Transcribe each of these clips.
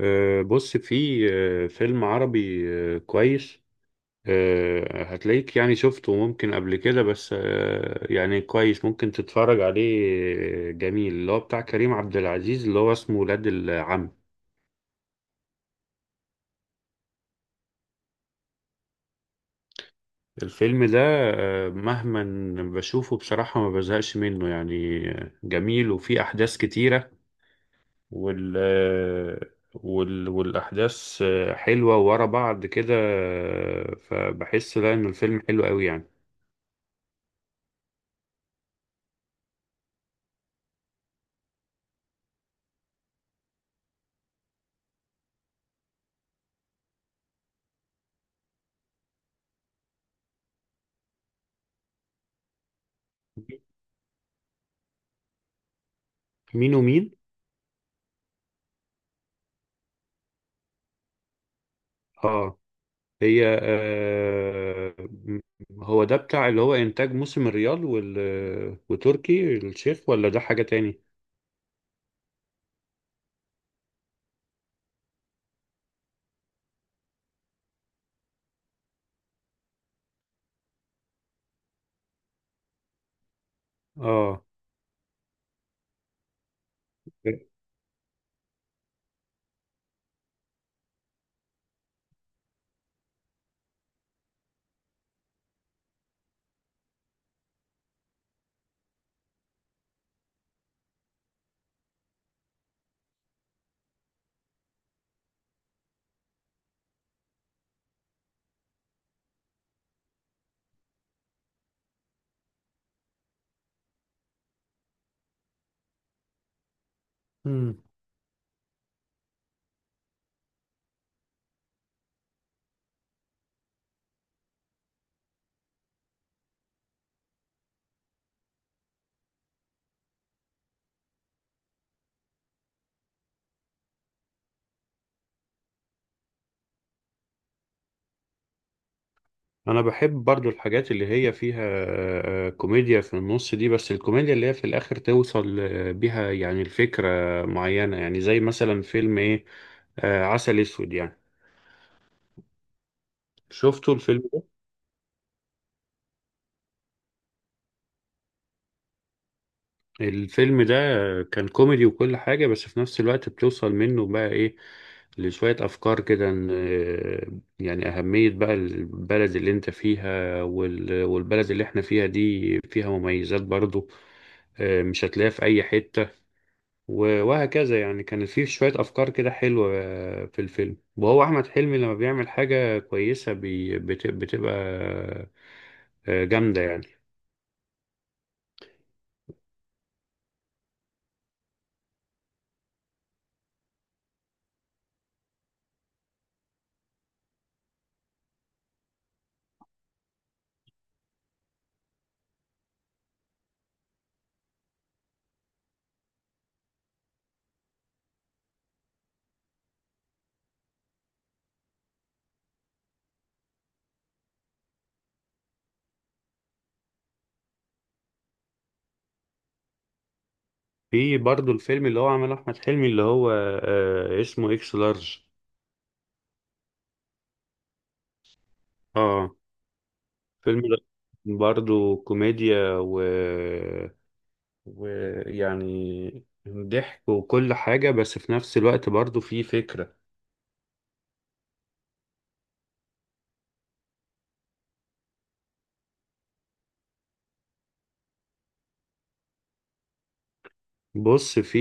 بص في فيلم عربي. كويس. هتلاقيك يعني شفته ممكن قبل كده، بس يعني كويس ممكن تتفرج عليه. جميل، اللي هو بتاع كريم عبد العزيز، اللي هو اسمه ولاد العم. الفيلم ده، مهما بشوفه بصراحة ما بزهقش منه، يعني جميل وفيه أحداث كتيرة. وال آه، وال والأحداث حلوة ورا بعض كده، فبحس لا إن الفيلم حلو قوي يعني. مين ومين؟ اه، هي آه، هو ده بتاع اللي هو انتاج موسم الريال وال... وتركي الشيخ، ولا ده حاجة تاني؟ اه. مم. انا بحب برضو الحاجات اللي هي فيها كوميديا في النص دي، بس الكوميديا اللي هي في الاخر توصل بيها يعني الفكرة معينة. يعني زي مثلا فيلم ايه، عسل اسود يعني. شفتوا الفيلم ده؟ الفيلم ده كان كوميدي وكل حاجة، بس في نفس الوقت بتوصل منه بقى إيه، لشوية أفكار كده، يعني أهمية بقى البلد اللي أنت فيها، وال- والبلد اللي إحنا فيها دي فيها مميزات برضو مش هتلاقيها في أي حتة. و- وهكذا. يعني كان فيه شوية أفكار كده حلوة في الفيلم. وهو أحمد حلمي لما بيعمل حاجة كويسة بتبقى جامدة يعني. في برضو الفيلم اللي هو عمله احمد حلمي، اللي هو آه، اسمه اكس لارج. اه، فيلم ده برضو كوميديا و ويعني ضحك وكل حاجة، بس في نفس الوقت برضو في فكرة. بص، في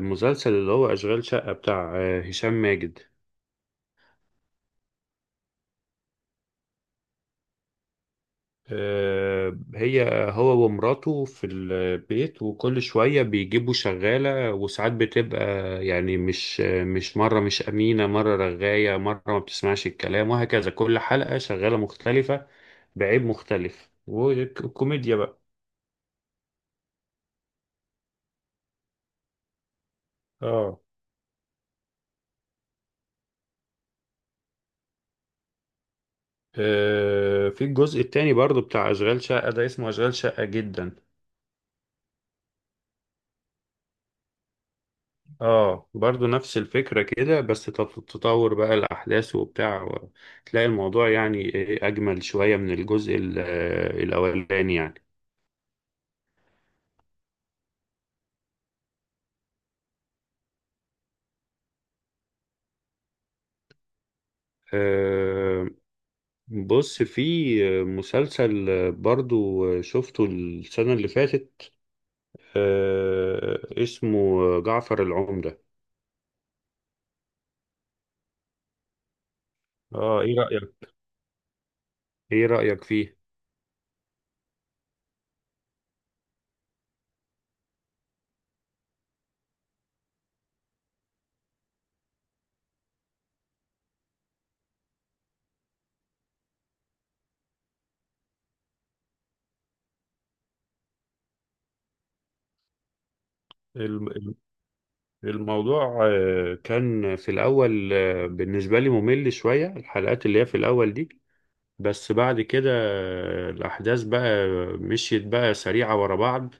مسلسل اللي هو أشغال شقة بتاع هشام ماجد. آه. هو ومراته في البيت، وكل شوية بيجيبوا شغالة، وساعات بتبقى يعني مش مرة مش أمينة، مرة رغاية، مرة ما بتسمعش الكلام، وهكذا. كل حلقة شغالة مختلفة بعيب مختلف، وكوميديا بقى. اه. في الجزء التاني برضو بتاع أشغال شقة ده، اسمه أشغال شقة جدا. اه، برضو نفس الفكرة كده، بس تطور بقى الأحداث وبتاع، و- تلاقي الموضوع يعني إيه أجمل شوية من الجزء الأولاني يعني. آه، بص، في مسلسل برضو شفته السنة اللي فاتت، اسمه جعفر العمدة. اه، ايه رأيك؟ ايه رأيك فيه؟ الم- الم- الموضوع كان في الأول بالنسبة لي ممل شوية، الحلقات اللي هي في الأول دي. بس بعد كده الأحداث بقى مشيت بقى سريعة ورا بعض،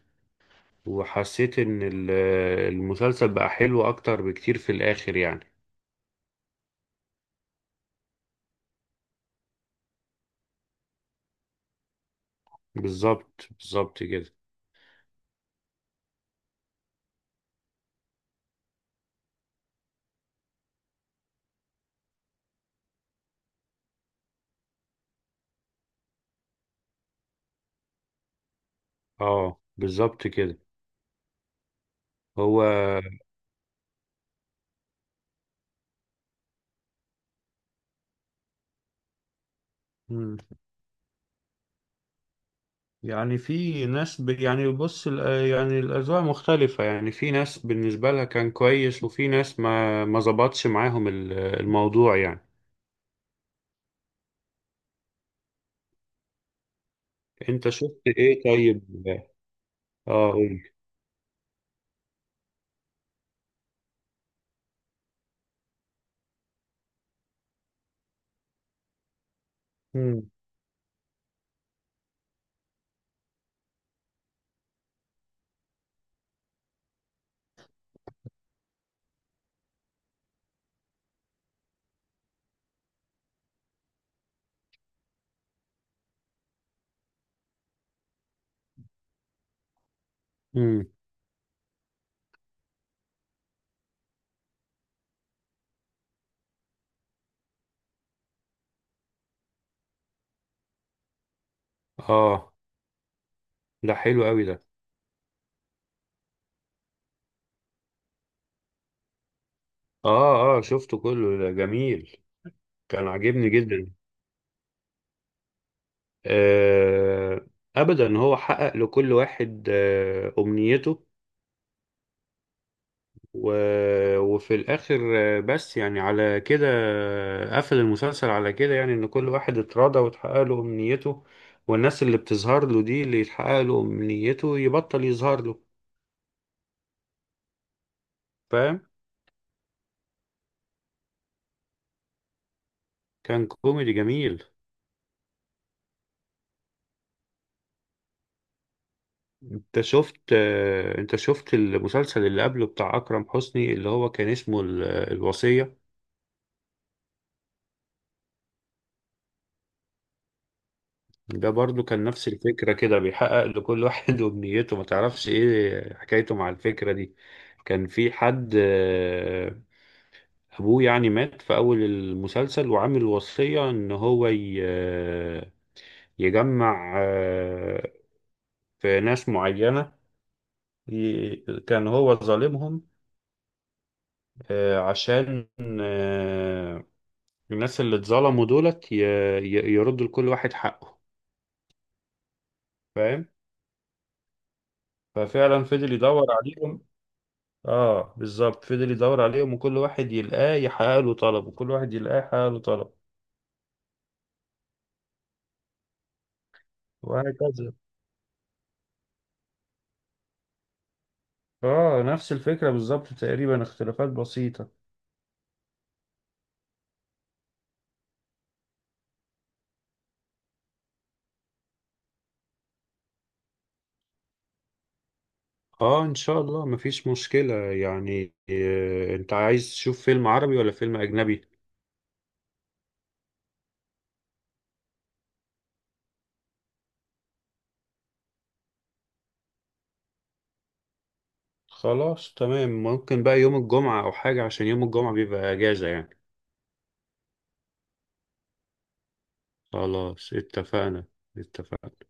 وحسيت إن المسلسل بقى حلو أكتر بكتير في الآخر يعني. بالظبط بالظبط كده. اه بالظبط كده. هو مم. يعني في ناس ب... يعني بص يعني الأذواق مختلفة. يعني في ناس بالنسبة لها كان كويس، وفي ناس ما ظبطش معاهم الموضوع يعني. انت شفت ايه طيب؟ اه قول. مم. مم. اه، ده حلو قوي ده. اه، اه شفته كله، ده جميل. كان عاجبني جدا. آه، ابدا، هو حقق لكل واحد آه، امنيته، و... وفي الاخر بس يعني على كده قفل المسلسل على كده، يعني ان كل واحد اتراضى واتحقق له امنيته، والناس اللي بتظهر له دي اللي يتحقق له امنيته يبطل يظهر له. فاهم. كان كوميدي جميل. انت شفت انت شفت المسلسل اللي قبله بتاع اكرم حسني، اللي هو كان اسمه الوصية؟ ده برضو كان نفس الفكرة كده، بيحقق لكل واحد وبنيته ما تعرفش ايه حكايته مع الفكرة دي. كان في حد ابوه يعني مات في اول المسلسل، وعامل وصية ان هو يجمع في ناس معينة، ي- كان هو ظالمهم عشان آه، الناس اللي اتظلموا دولت ي... ي... يردوا لكل واحد حقه. فاهم؟ ففعلا فضل يدور عليهم. اه بالظبط، فضل يدور عليهم، وكل واحد يلقاه يحقق له طلب، وكل واحد يلقاه يحقق له طلب، وهكذا. اه، نفس الفكرة بالظبط تقريبا، اختلافات بسيطة. اه ان شاء الله مفيش مشكلة يعني. انت عايز تشوف فيلم عربي ولا فيلم اجنبي؟ خلاص تمام، ممكن بقى يوم الجمعة او حاجة، عشان يوم الجمعة بيبقى اجازة يعني. خلاص اتفقنا. اتفقنا.